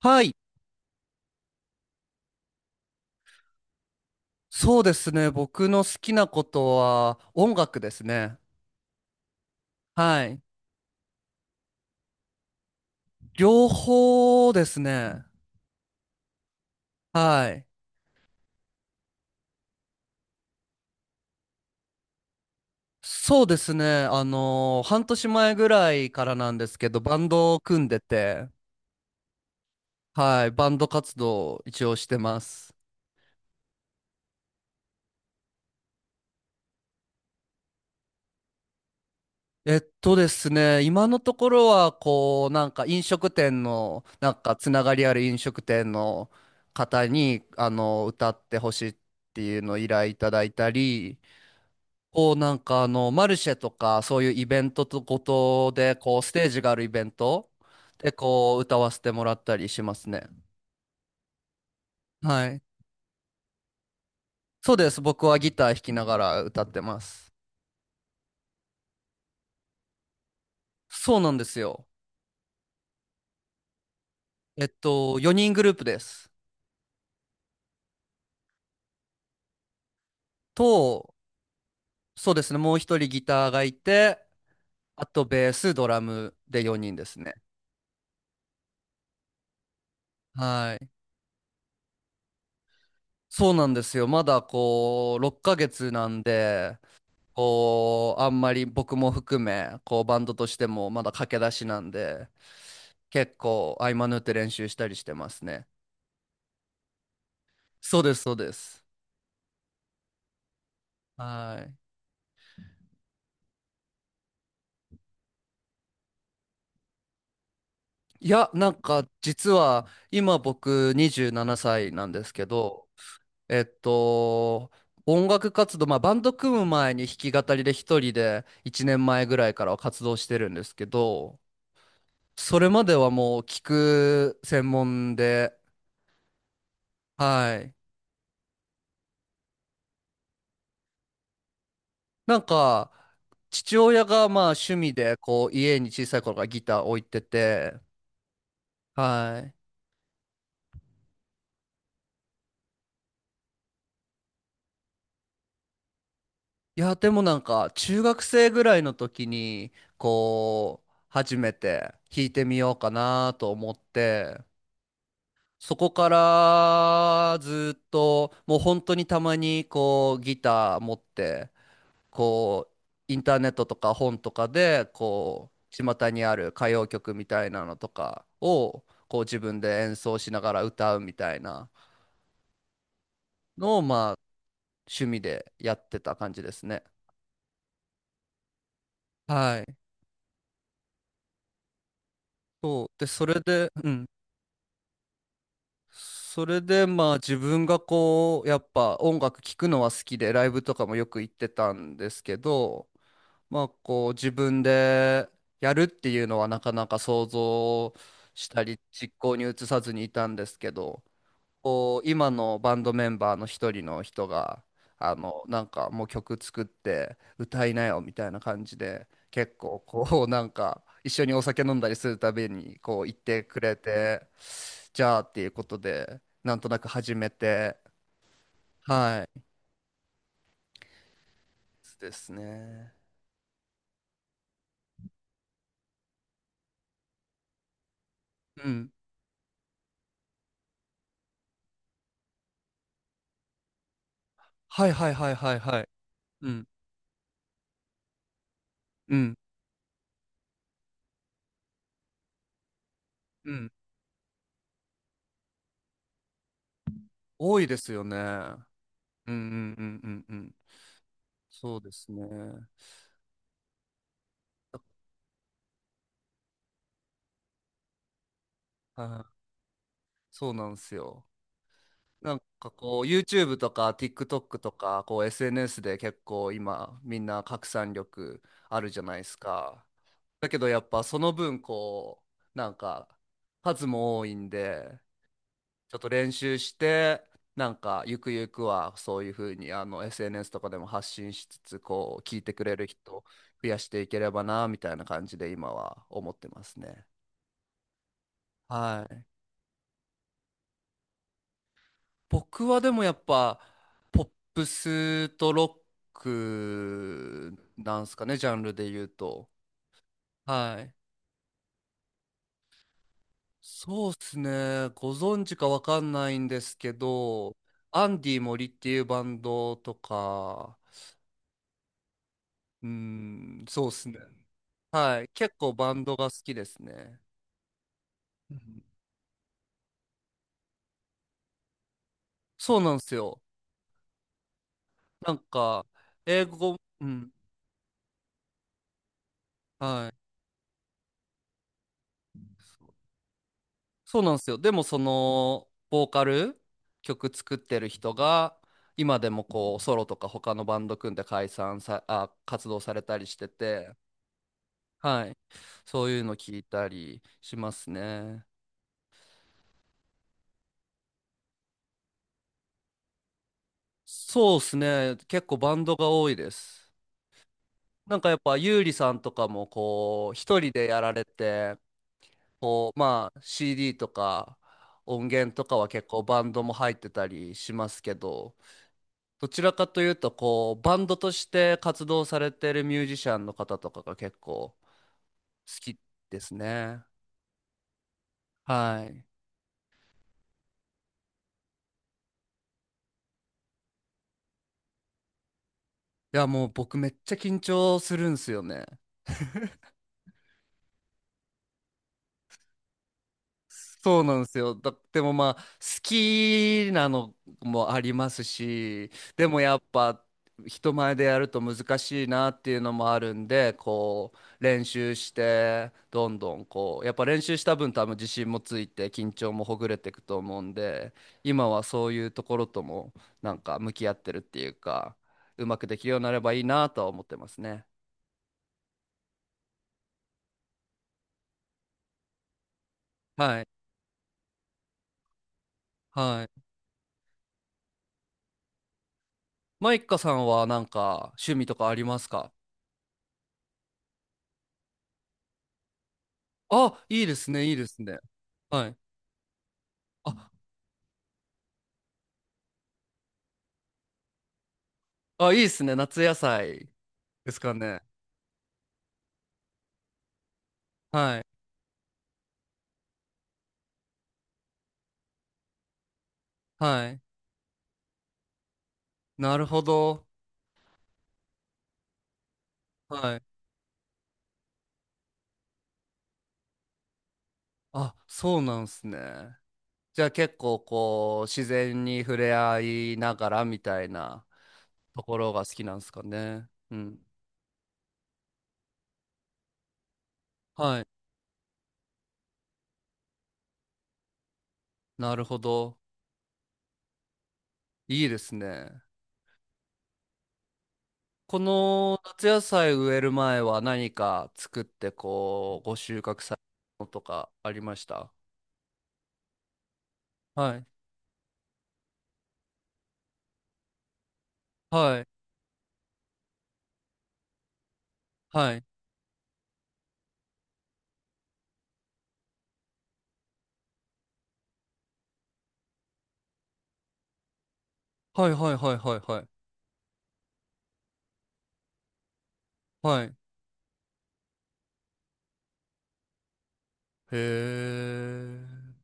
はい。そうですね。僕の好きなことは音楽ですね。はい。両方ですね。はい。そうですね。半年前ぐらいからなんですけど、バンドを組んでて、はい。バンド活動を一応してます。えっとですね、今のところは、こう、なんか飲食店の、なんかつながりある飲食店の方に、あの、歌ってほしいっていうのを依頼いただいたり、こうなんかあの、マルシェとか、そういうイベントとごとで、こう、ステージがあるイベントで、こう、歌わせてもらったりしますね。はい。そうです。僕はギター弾きながら歌ってます。そうなんですよ。えっと、4人グループです。と、そうですね。もう一人ギターがいて、あとベース、ドラムで4人ですね。はい。そうなんですよ。まだこう、6ヶ月なんで、こう、あんまり僕も含め、こう、バンドとしてもまだ駆け出しなんで、結構合間縫って練習したりしてますね。そうです、そうです。はい。いや、なんか、実は、今僕27歳ななさいなんですけど、えっと、音楽活動、まあ、バンド組む前に弾き語りで一人で1年前ぐらいからは活動してるんですけど、それまではもう聞く専門で、はい。なんか、父親がまあ趣味で、こう、家に小さい頃からギター置いてて、はい。いや、でもなんか、中学生ぐらいの時に、こう、初めて弾いてみようかなと思って、そこからずっと、もう本当にたまにこう、ギター持って、こうインターネットとか本とかでこう巷にある歌謡曲みたいなのとかをこう自分で演奏しながら歌うみたいなのをまあ趣味でやってた感じですね。はい。そうでそれで、うん、それでまあ自分がこうやっぱ音楽聴くのは好きでライブとかもよく行ってたんですけど、まあこう自分でやるっていうのはなかなか想像したり実行に移さずにいたんですけど、こう今のバンドメンバーの一人の人があの、なんかもう曲作って歌いなよみたいな感じで結構こうなんか一緒にお酒飲んだりするたびにこう言ってくれて、じゃあっていうことでなんとなく始めて、はいですね。うん。はいはいはいはいはい。うんうんうん。多いですよね。うんうんうんうんうん。そうですね。はい。そうなんですよ。なんかこう YouTube とか TikTok とかこう SNS で結構今みんな拡散力あるじゃないですか。だけどやっぱその分こうなんか数も多いんで、ちょっと練習して、なんかゆくゆくはそういうふうにあの SNS とかでも発信しつつ、こう聞いてくれる人を増やしていければな、みたいな感じで今は思ってますね。はい。僕はでもやっぱポップスとロックなんすかね、ジャンルで言うと。はい。そうっすね。ご存知かわかんないんですけど、アンディ・森っていうバンドとか、そうっすね。はい。結構バンドが好きですね。うん。そうなんですよ。なんか、英語、うん。はい。そうなんですよ。でもその、ボーカル、曲作ってる人が、今でもこう、ソロとか他のバンド組んで解散さ、あ、活動されたりしてて、はい。そういうの聞いたりしますね。そうですね。結構バンドが多いです。なんかやっぱ、ゆうりさんとかもこう、一人でやられて、こう、まあ CD とか音源とかは結構バンドも入ってたりしますけど、どちらかというとこうバンドとして活動されてるミュージシャンの方とかが結構好きですね。はい。いやもう僕めっちゃ緊張するんすよね。そうなんですよ。だでもまあ好きなのもありますし、でもやっぱ人前でやると難しいなっていうのもあるんでこう練習して、どんどんこうやっぱ練習した分多分自信もついて緊張もほぐれていくと思うんで、今はそういうところともなんか向き合ってるっていうか、うまくできるようになればいいなとは思ってますね。はい。はい。マイカさんはなんか趣味とかありますか？あ、いいですね、いいですね。はい。あ、あ、いいですね。夏野菜ですかね。はい。はい。なるほど。はい。あ、そうなんですね。じゃあ結構こう、自然に触れ合いながらみたいなところが好きなんですかね。うん。はい。なるほど。いいですね。この夏野菜植える前は何か作ってこう、ご収穫されたのとかありました？はい。はい。はい。はいはいはいはいはい。はい。へえ。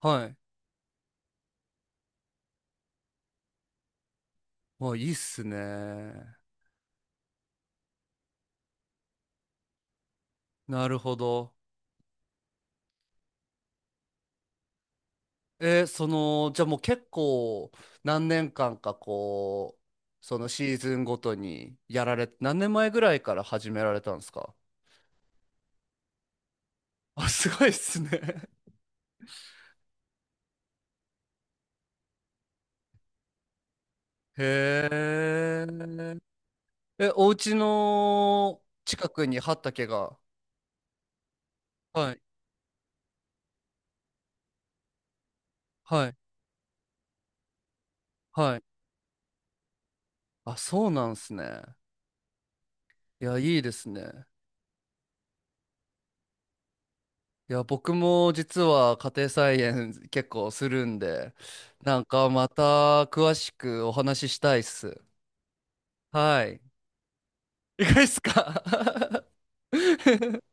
はい。まあいいっすね。なるほど。えー、その、じゃあもう結構何年間かこう、そのシーズンごとにやられ、何年前ぐらいから始められたんですか？ あ、すごいっすね。へえ。え、お家の近くに畑が。はい。はい。はい。あ、そうなんすね。いや、いいですね。いや、僕も実は家庭菜園結構するんで、なんかまた詳しくお話ししたいっす。はい。いかがですか？